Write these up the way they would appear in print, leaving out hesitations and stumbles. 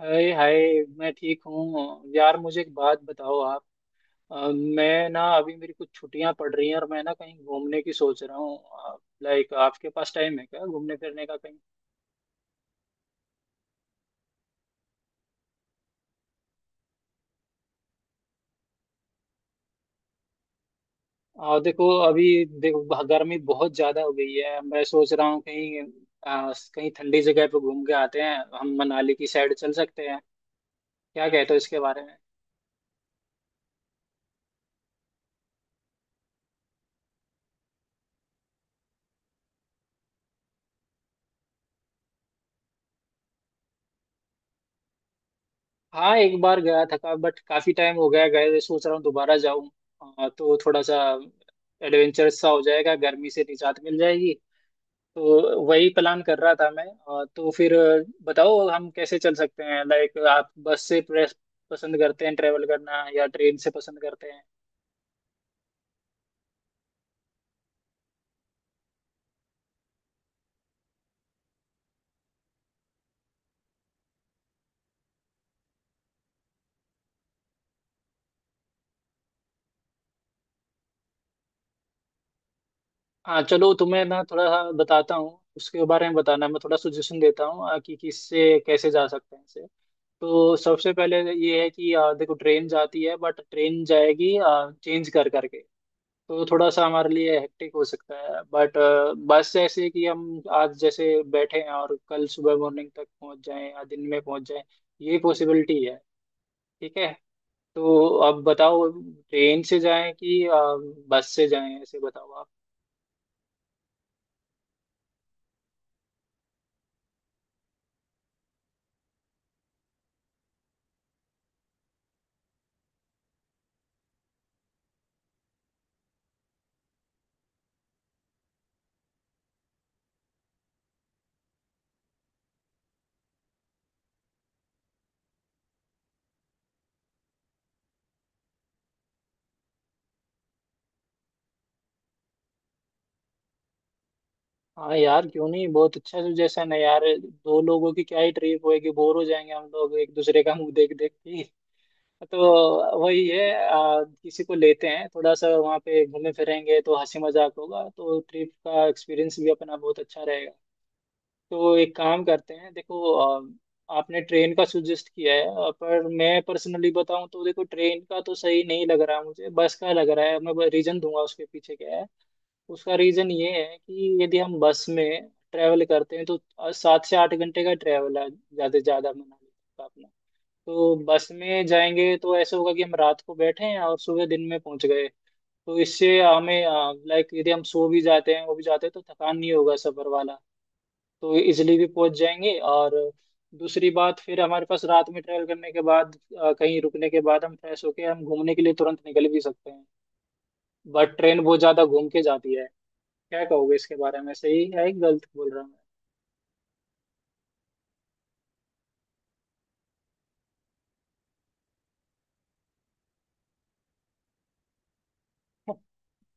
हाय, hi. मैं ठीक हूँ यार। मुझे एक बात बताओ आप। अ, मैं ना अभी मेरी कुछ छुट्टियां पड़ रही हैं, और मैं ना कहीं घूमने की सोच रहा हूँ। लाइक आपके पास टाइम है क्या घूमने फिरने का कहीं? देखो, अभी देखो, गर्मी बहुत ज्यादा हो गई है। मैं सोच रहा हूँ कहीं कहीं ठंडी जगह पे घूम के आते हैं हम। मनाली की साइड चल सकते हैं। क्या कहते हो इसके बारे में? हाँ, एक बार गया था बट काफी टाइम हो गया गए हुए, सोच रहा हूँ दोबारा जाऊँ। तो थोड़ा सा एडवेंचर सा हो जाएगा, गर्मी से निजात मिल जाएगी। तो वही प्लान कर रहा था मैं। तो फिर बताओ हम कैसे चल सकते हैं। लाइक आप बस से प्रेस पसंद करते हैं ट्रेवल करना या ट्रेन से पसंद करते हैं? हाँ चलो, तुम्हें ना थोड़ा सा बताता हूँ उसके बारे में। बताना मैं थोड़ा सजेशन देता हूँ कि किससे कैसे जा सकते हैं इसे। तो सबसे पहले ये है कि देखो, ट्रेन जाती है बट ट्रेन जाएगी चेंज कर करके। तो थोड़ा सा हमारे लिए हेक्टिक हो सकता है। बट बस जैसे कि हम आज जैसे बैठे हैं और कल सुबह मॉर्निंग तक पहुंच जाएं या दिन में पहुंच जाएं। ये पॉसिबिलिटी है। ठीक है। तो अब बताओ ट्रेन से जाएं कि बस से जाएं, ऐसे बताओ आप। हाँ यार, क्यों नहीं। बहुत अच्छा सजेशन है यार। दो लोगों की क्या ही ट्रिप होएगी, बोर हो जाएंगे हम लोग एक दूसरे का मुंह देख देख के। तो वही है, किसी को लेते हैं। थोड़ा सा वहाँ पे घूमे फिरेंगे तो हंसी मजाक होगा, तो ट्रिप का एक्सपीरियंस भी अपना बहुत अच्छा रहेगा। तो एक काम करते हैं, देखो, आपने ट्रेन का सुजेस्ट किया है, पर मैं पर्सनली बताऊं तो देखो, ट्रेन का तो सही नहीं लग रहा मुझे, बस का लग रहा है। मैं रीजन दूंगा उसके पीछे क्या है। उसका रीजन ये है कि यदि हम बस में ट्रैवल करते हैं तो 7 से 8 घंटे का ट्रैवल है ज्यादा से ज्यादा मनाली का अपना। तो बस में जाएंगे तो ऐसा होगा कि हम रात को बैठे हैं और सुबह दिन में पहुंच गए। तो इससे हमें, लाइक यदि हम सो भी जाते हैं वो भी जाते हैं तो थकान नहीं होगा सफर वाला। तो इजिली भी पहुंच जाएंगे। और दूसरी बात, फिर हमारे पास रात में ट्रैवल करने के बाद कहीं रुकने के बाद हम फ्रेश होके हम घूमने के लिए तुरंत निकल भी सकते हैं। बट ट्रेन बहुत ज्यादा घूम के जाती है। क्या कहोगे इसके बारे में? सही है? गलत बोल रहा हूँ मैं?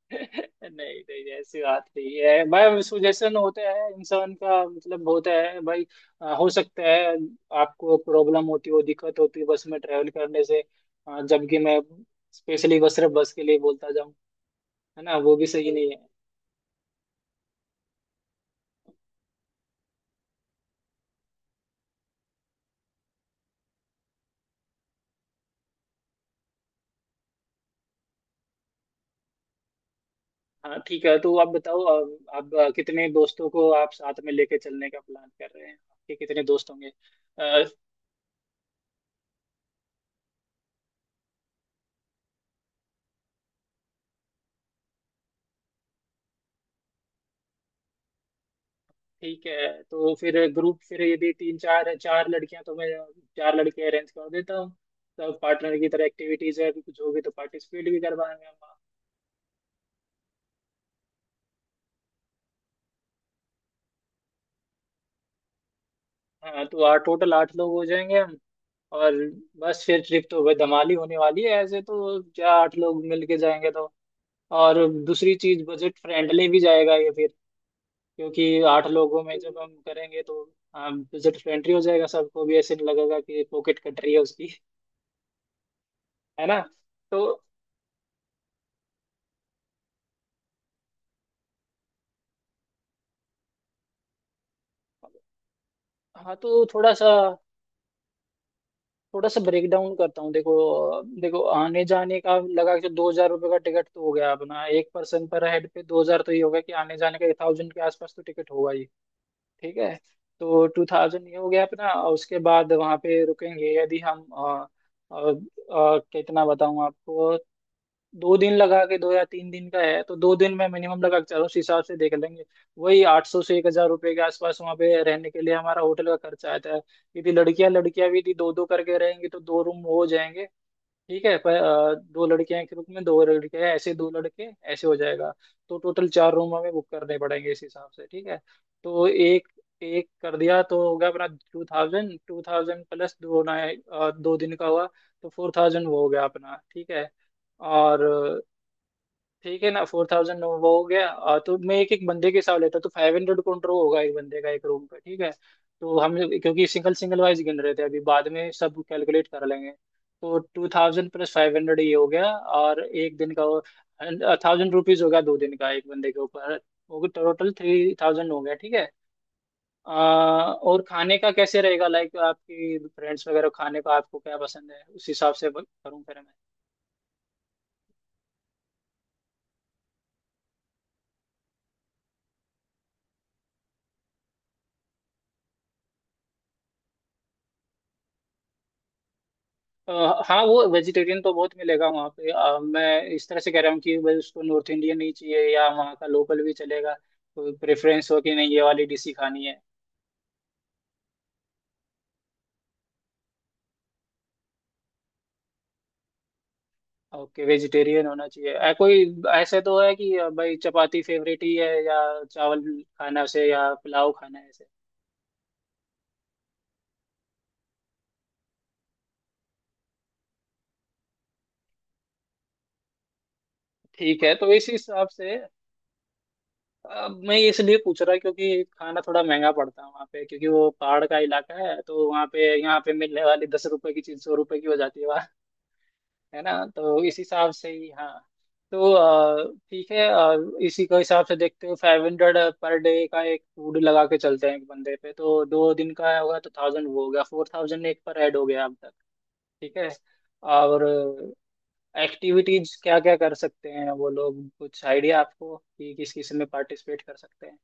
नहीं, नहीं ऐसी बात नहीं है भाई, सुजेशन होते हैं इंसान का, मतलब होता है भाई। हो सकता है आपको प्रॉब्लम होती हो, दिक्कत होती हो बस में ट्रेवल करने से। जबकि मैं स्पेशली बस सिर्फ बस के लिए बोलता जाऊँ, है ना, वो भी सही नहीं है। हाँ ठीक है। तो आप बताओ आप कितने दोस्तों को आप साथ में लेके चलने का प्लान कर रहे हैं? आपके कितने दोस्त होंगे? ठीक है तो फिर ग्रुप, फिर यदि तीन चार चार लड़कियां तो मैं चार लड़के अरेंज कर देता हूँ। सब पार्टनर की तरह एक्टिविटीज है कुछ होगी तो पार्टिसिपेट भी करवाएंगे हम। हाँ तो आठ, टोटल आठ लोग हो जाएंगे हम। और बस, फिर ट्रिप तो भाई धमाल ही होने वाली है। ऐसे तो क्या, आठ लोग मिलके जाएंगे तो। और दूसरी चीज, बजट फ्रेंडली भी जाएगा ये फिर क्योंकि आठ लोगों में जब हम करेंगे तो बजट फ्रेंडली हो जाएगा, सबको भी ऐसे नहीं लगेगा कि पॉकेट कट रही है उसकी। है ना। तो हाँ। तो थोड़ा सा ब्रेक डाउन करता हूँ। देखो देखो, आने जाने का लगा के 2,000 रुपये का टिकट तो हो गया अपना एक पर्सन पर, हेड पे 2,000। तो ये हो गया कि आने जाने का 1,000 के आसपास तो टिकट होगा ही। ठीक है। तो 2,000 ये हो गया अपना। और उसके बाद वहाँ पे रुकेंगे यदि हम कितना बताऊँ आपको। 2 दिन लगा के, 2 या 3 दिन का है तो 2 दिन में मिनिमम लगा के चलो, उस हिसाब से देख लेंगे। वही 800 से 1,000 रुपये के आसपास वहाँ पे रहने के लिए हमारा होटल का खर्चा आता है। यदि लड़कियां लड़कियां भी यदि दो दो करके रहेंगी तो दो रूम हो जाएंगे। ठीक है, पर दो लड़कियां के रूप में दो लड़के हैं, ऐसे दो लड़के, ऐसे हो जाएगा। तो टोटल चार रूम हमें बुक करने पड़ेंगे इस हिसाब से। ठीक है। तो एक एक कर दिया तो हो गया अपना 2,000, 2,000 प्लस दो ना, दो दिन का हुआ। तो 4,000 वो हो गया अपना, ठीक है। और ठीक है ना, 4,000 वो हो गया। तो मैं एक एक बंदे के हिसाब लेता तो 500 कॉन्ट्रो होगा एक बंदे का एक रूम का। ठीक है। तो हम क्योंकि सिंगल सिंगल वाइज गिन रहे थे अभी, बाद में सब कैलकुलेट कर लेंगे। तो 2,000 प्लस 500 ये हो गया, और 1 दिन का वो 1,000 रुपीज हो गया, 2 दिन का एक बंदे के ऊपर। वो टोटल 3,000 हो गया। ठीक है। आ, और खाने का कैसे रहेगा? लाइक आपकी फ्रेंड्स वगैरह खाने का आपको क्या पसंद है? उस हिसाब से करूँ फिर। अ, हाँ, वो वेजिटेरियन तो बहुत मिलेगा वहाँ पे। मैं इस तरह से कह रहा हूँ कि भाई, उसको नॉर्थ इंडियन ही चाहिए या वहाँ का लोकल भी चलेगा? कोई प्रेफरेंस हो कि नहीं, ये वाली डिश ही खानी है? ओके, वेजिटेरियन होना चाहिए। कोई ऐसे तो है कि भाई चपाती फेवरेट ही है, या चावल खाना से, या पुलाव खाना है ऐसे? ठीक है तो इस हिसाब से, मैं इसलिए पूछ रहा क्योंकि खाना थोड़ा महंगा पड़ता है वहाँ पे, क्योंकि वो पहाड़ का इलाका है तो वहाँ पे, यहाँ पे मिलने वाली 10 रुपए की चीज 100 रुपए की हो जाती है। है ना। तो इस हिसाब से ही, हाँ। तो ठीक है। इसी के हिसाब से देखते हो, 500 पर डे का एक फूड लगा के चलते हैं एक बंदे पे तो 2 दिन का होगा तो 1,000 वो हो गया। 4,000 एक पर ऐड हो गया अब तक। ठीक है। और एक्टिविटीज क्या क्या कर सकते हैं वो लोग, कुछ आइडिया आपको कि किस किस में पार्टिसिपेट कर सकते हैं?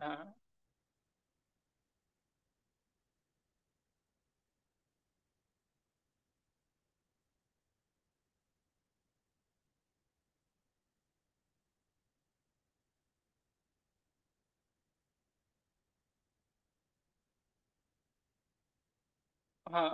हाँ हाँ।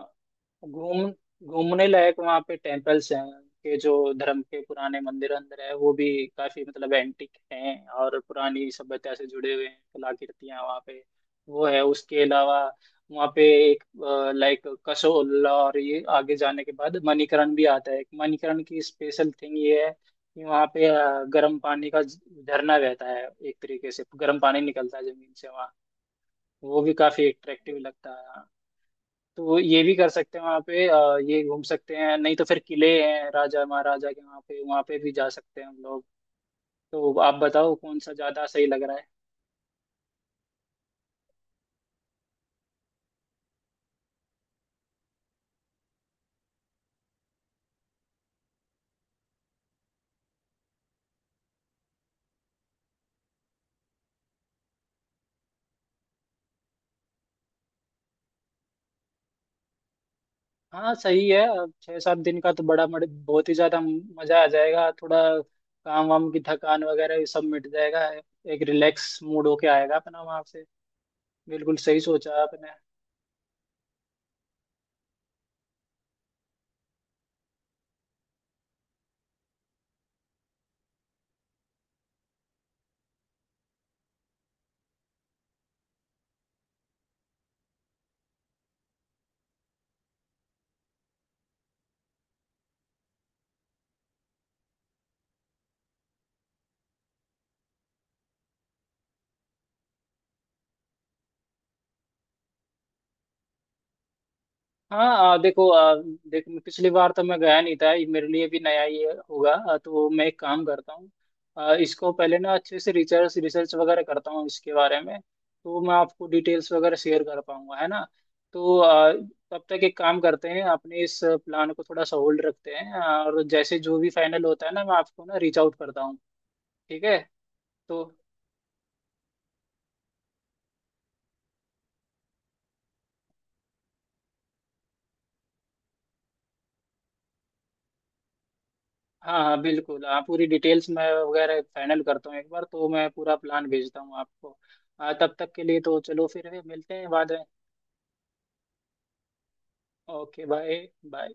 घूम घूमने लायक वहाँ पे टेम्पल्स हैं, के जो धर्म के पुराने मंदिर अंदर है वो भी काफी मतलब एंटिक हैं और पुरानी सभ्यता से जुड़े हुए हैं कलाकृतियां वहाँ पे। वो है उसके अलावा। वहाँ पे एक, लाइक कसोल, और ये आगे जाने के बाद मणिकरण भी आता है। मणिकरण की स्पेशल थिंग ये है कि वहाँ पे गर्म पानी का झरना बहता है, एक तरीके से गर्म पानी निकलता है जमीन से वहाँ। वो भी काफी अट्रैक्टिव लगता है। तो वो ये भी कर सकते हैं वहाँ पे, ये घूम सकते हैं, नहीं तो फिर किले हैं राजा महाराजा के वहाँ पे, वहाँ पे भी जा सकते हैं हम लोग। तो आप बताओ कौन सा ज्यादा सही लग रहा है? हाँ सही है। अब 6-7 दिन का तो बड़ा बहुत ही ज्यादा मजा आ जाएगा। थोड़ा काम वाम की थकान वगैरह ये सब मिट जाएगा। एक रिलैक्स मूड होके आएगा अपना वहाँ से। बिल्कुल सही सोचा आपने। हाँ। देखो, देख, पिछली बार तो मैं गया नहीं था, ये मेरे लिए भी नया ही होगा। तो मैं एक काम करता हूँ, इसको पहले ना अच्छे से रिसर्च रिसर्च वगैरह करता हूँ इसके बारे में, तो मैं आपको डिटेल्स वगैरह शेयर कर पाऊंगा, है ना। तो तब तक एक काम करते हैं, अपने इस प्लान को थोड़ा सा होल्ड रखते हैं, और जैसे जो भी फाइनल होता है ना, मैं आपको ना रीच आउट करता हूँ। ठीक है। तो हाँ हाँ बिल्कुल। आप पूरी डिटेल्स मैं वगैरह फाइनल करता हूँ एक बार, तो मैं पूरा प्लान भेजता हूँ आपको। तब तक के लिए तो चलो, फिर मिलते हैं बाद में। Okay, bye bye.